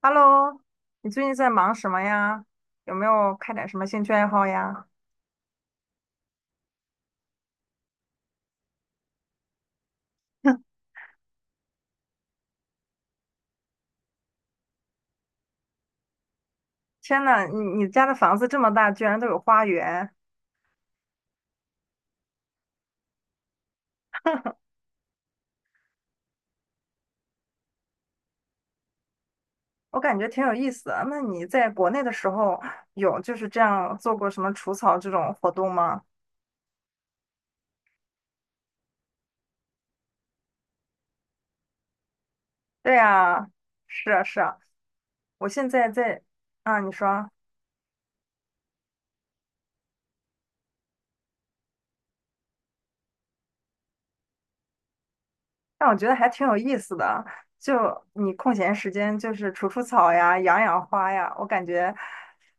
Hello，你最近在忙什么呀？有没有开展什么兴趣爱好呀？天呐，你家的房子这么大，居然都有花园，我感觉挺有意思的。那你在国内的时候有就是这样做过什么除草这种活动吗？对呀，是啊是啊，我现在在啊，你说。但我觉得还挺有意思的。就你空闲时间，就是除除草呀，养养花呀，我感觉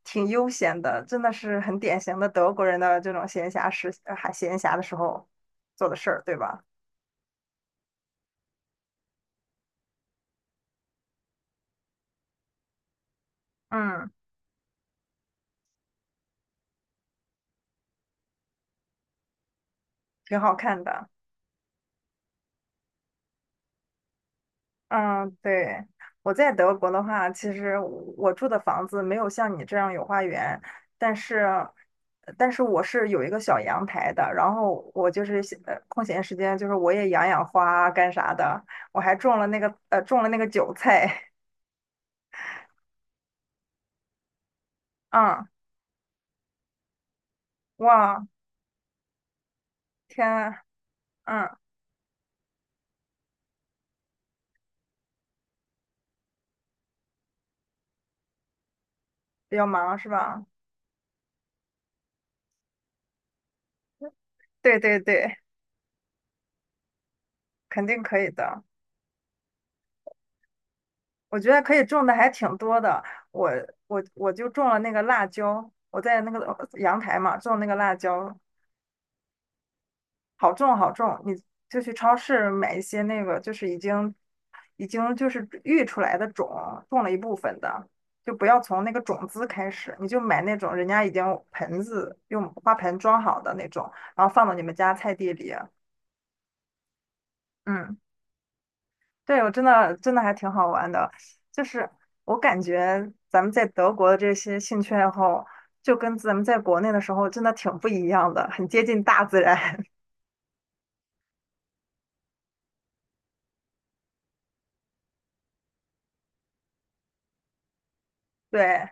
挺悠闲的，真的是很典型的德国人的这种闲暇时，还闲暇的时候做的事儿，对吧？嗯，挺好看的。嗯，对，我在德国的话，其实我住的房子没有像你这样有花园，但是，但是我是有一个小阳台的，然后我就是空闲时间，就是我也养养花啊干啥的，我还种了种了那个韭菜。嗯，哇，天啊嗯，比较忙是吧？对对对，肯定可以的，我觉得可以种的还挺多的，我我就种了那个辣椒，我在那个阳台嘛种那个辣椒。好种好种，你就去超市买一些那个，就是已经就是育出来的种，种了一部分的，就不要从那个种子开始，你就买那种人家已经盆子用花盆装好的那种，然后放到你们家菜地里。嗯，对，我真的还挺好玩的，就是我感觉咱们在德国的这些兴趣爱好，就跟咱们在国内的时候真的挺不一样的，很接近大自然。对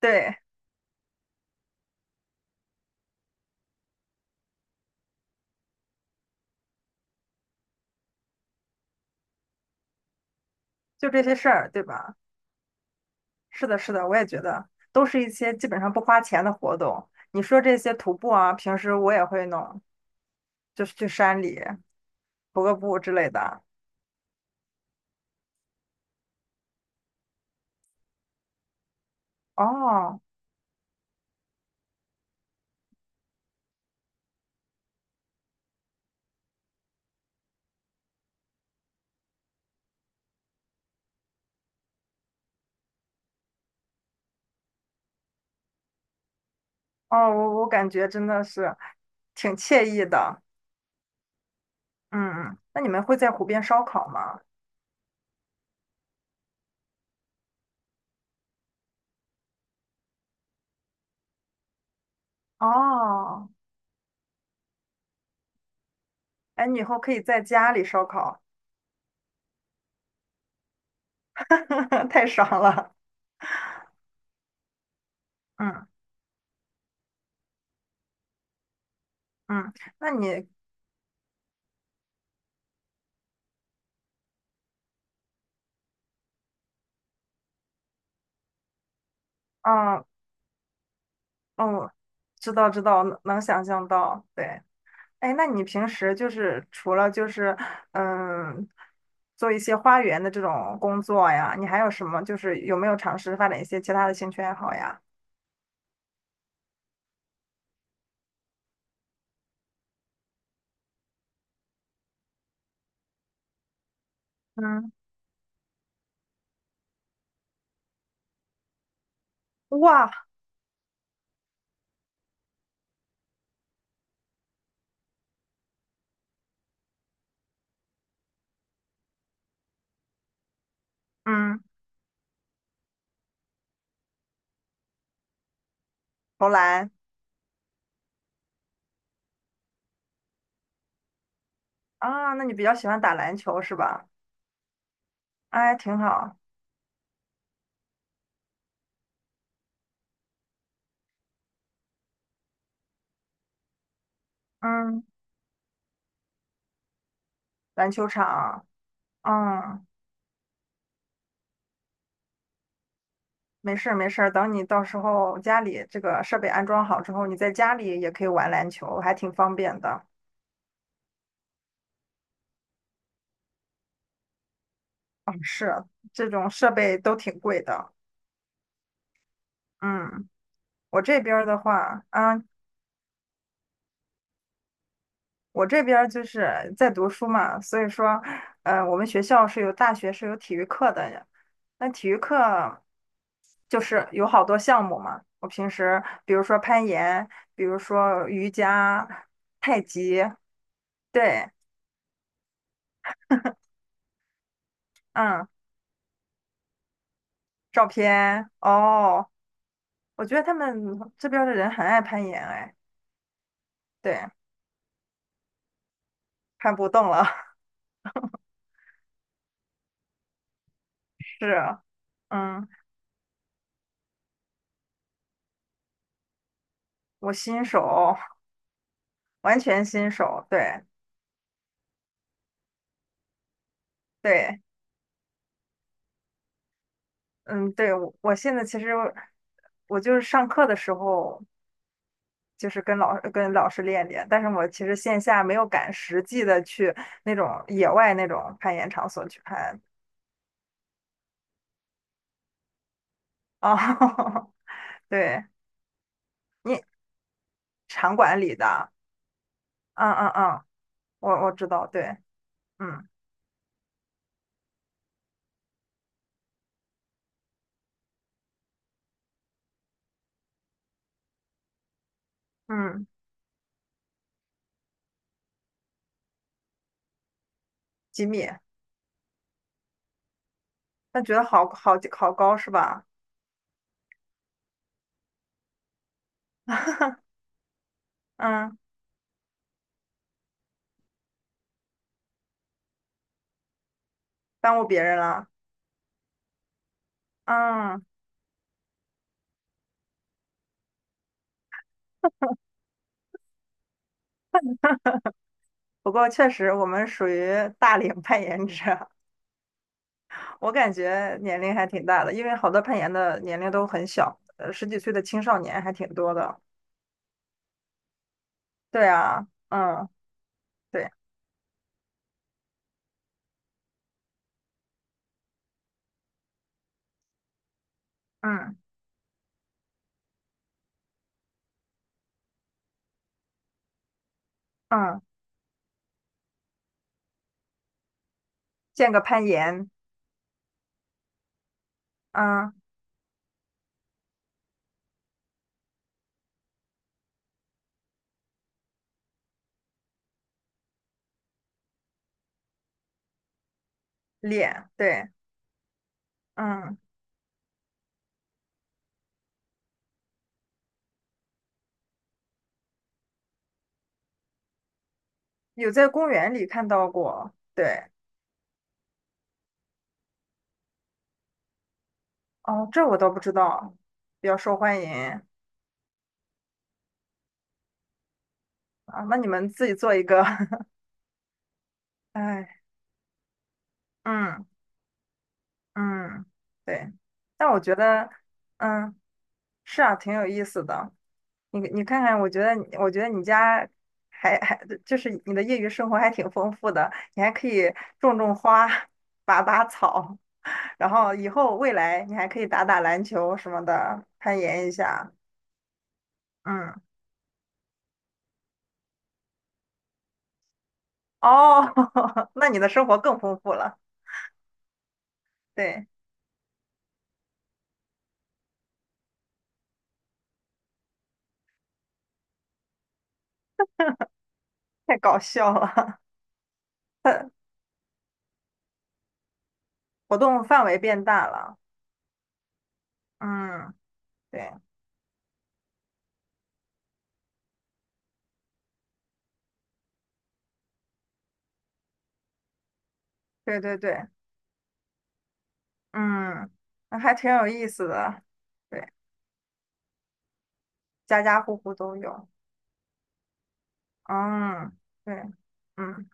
对，就这些事儿，对吧？是的，是的，我也觉得都是一些基本上不花钱的活动。你说这些徒步啊，平时我也会弄，就是去山里徒个步之类的。哦哦，我我感觉真的是挺惬意的。嗯，嗯，那你们会在湖边烧烤吗？哦，哎，你以后可以在家里烧烤。太爽了。嗯嗯，那你，嗯哦，知道知道，能能想象到，对。哎，那你平时就是除了就是嗯，做一些花园的这种工作呀，你还有什么就是有没有尝试发展一些其他的兴趣爱好呀？嗯，哇，嗯，投篮啊，那你比较喜欢打篮球是吧？哎，挺好，嗯，篮球场，嗯，没事儿没事儿，等你到时候家里这个设备安装好之后，你在家里也可以玩篮球，还挺方便的。嗯，是，这种设备都挺贵的，嗯。我这边儿的话，啊，我这边儿就是在读书嘛，所以说，我们学校是有大学是有体育课的，那体育课就是有好多项目嘛。我平时比如说攀岩，比如说瑜伽、太极，对，嗯，照片，哦，我觉得他们这边儿的人很爱攀岩，哎，对，攀不动了，是，嗯，我新手，完全新手，对。对，嗯，对，我我现在其实我就是上课的时候，就是跟老师练练，但是我其实线下没有敢实际的去那种野外那种攀岩场所去攀啊。对，你场馆里的，嗯嗯嗯，我我知道，对，嗯嗯，几米，那觉得好高是吧？嗯，耽误别人了，嗯，不过确实我们属于大龄 攀岩者。我感觉年龄还挺大的，因为好多攀岩的年龄都很小，十几岁的青少年还挺多的。对啊，嗯，对，嗯嗯，见个攀岩，嗯，练，对，嗯，有在公园里看到过，对，哦，这我倒不知道，比较受欢迎啊。那你们自己做一个，哎，嗯嗯，对，但我觉得，嗯，是啊，挺有意思的。你看看，我觉得你家还还就是你的业余生活还挺丰富的，你还可以种种花、拔拔草，然后以后未来你还可以打打篮球什么的，攀岩一下。嗯，哦，那你的生活更丰富了。对，太搞笑了，活动范围变大了。嗯，对对，嗯，那还挺有意思的。对，家家户户都有。嗯，对。嗯。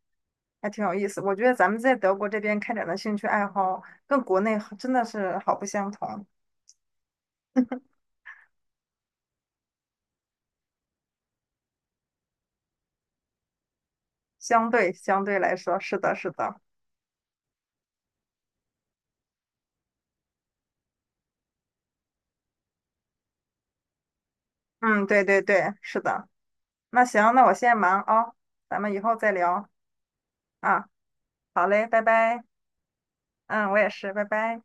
还挺有意思。我觉得咱们在德国这边开展的兴趣爱好，跟国内好真的是好不相同。相对来说，是的，是的，嗯，对对对，是的。那行，那我先忙啊，咱们以后再聊啊。好嘞，拜拜。嗯，我也是，拜拜。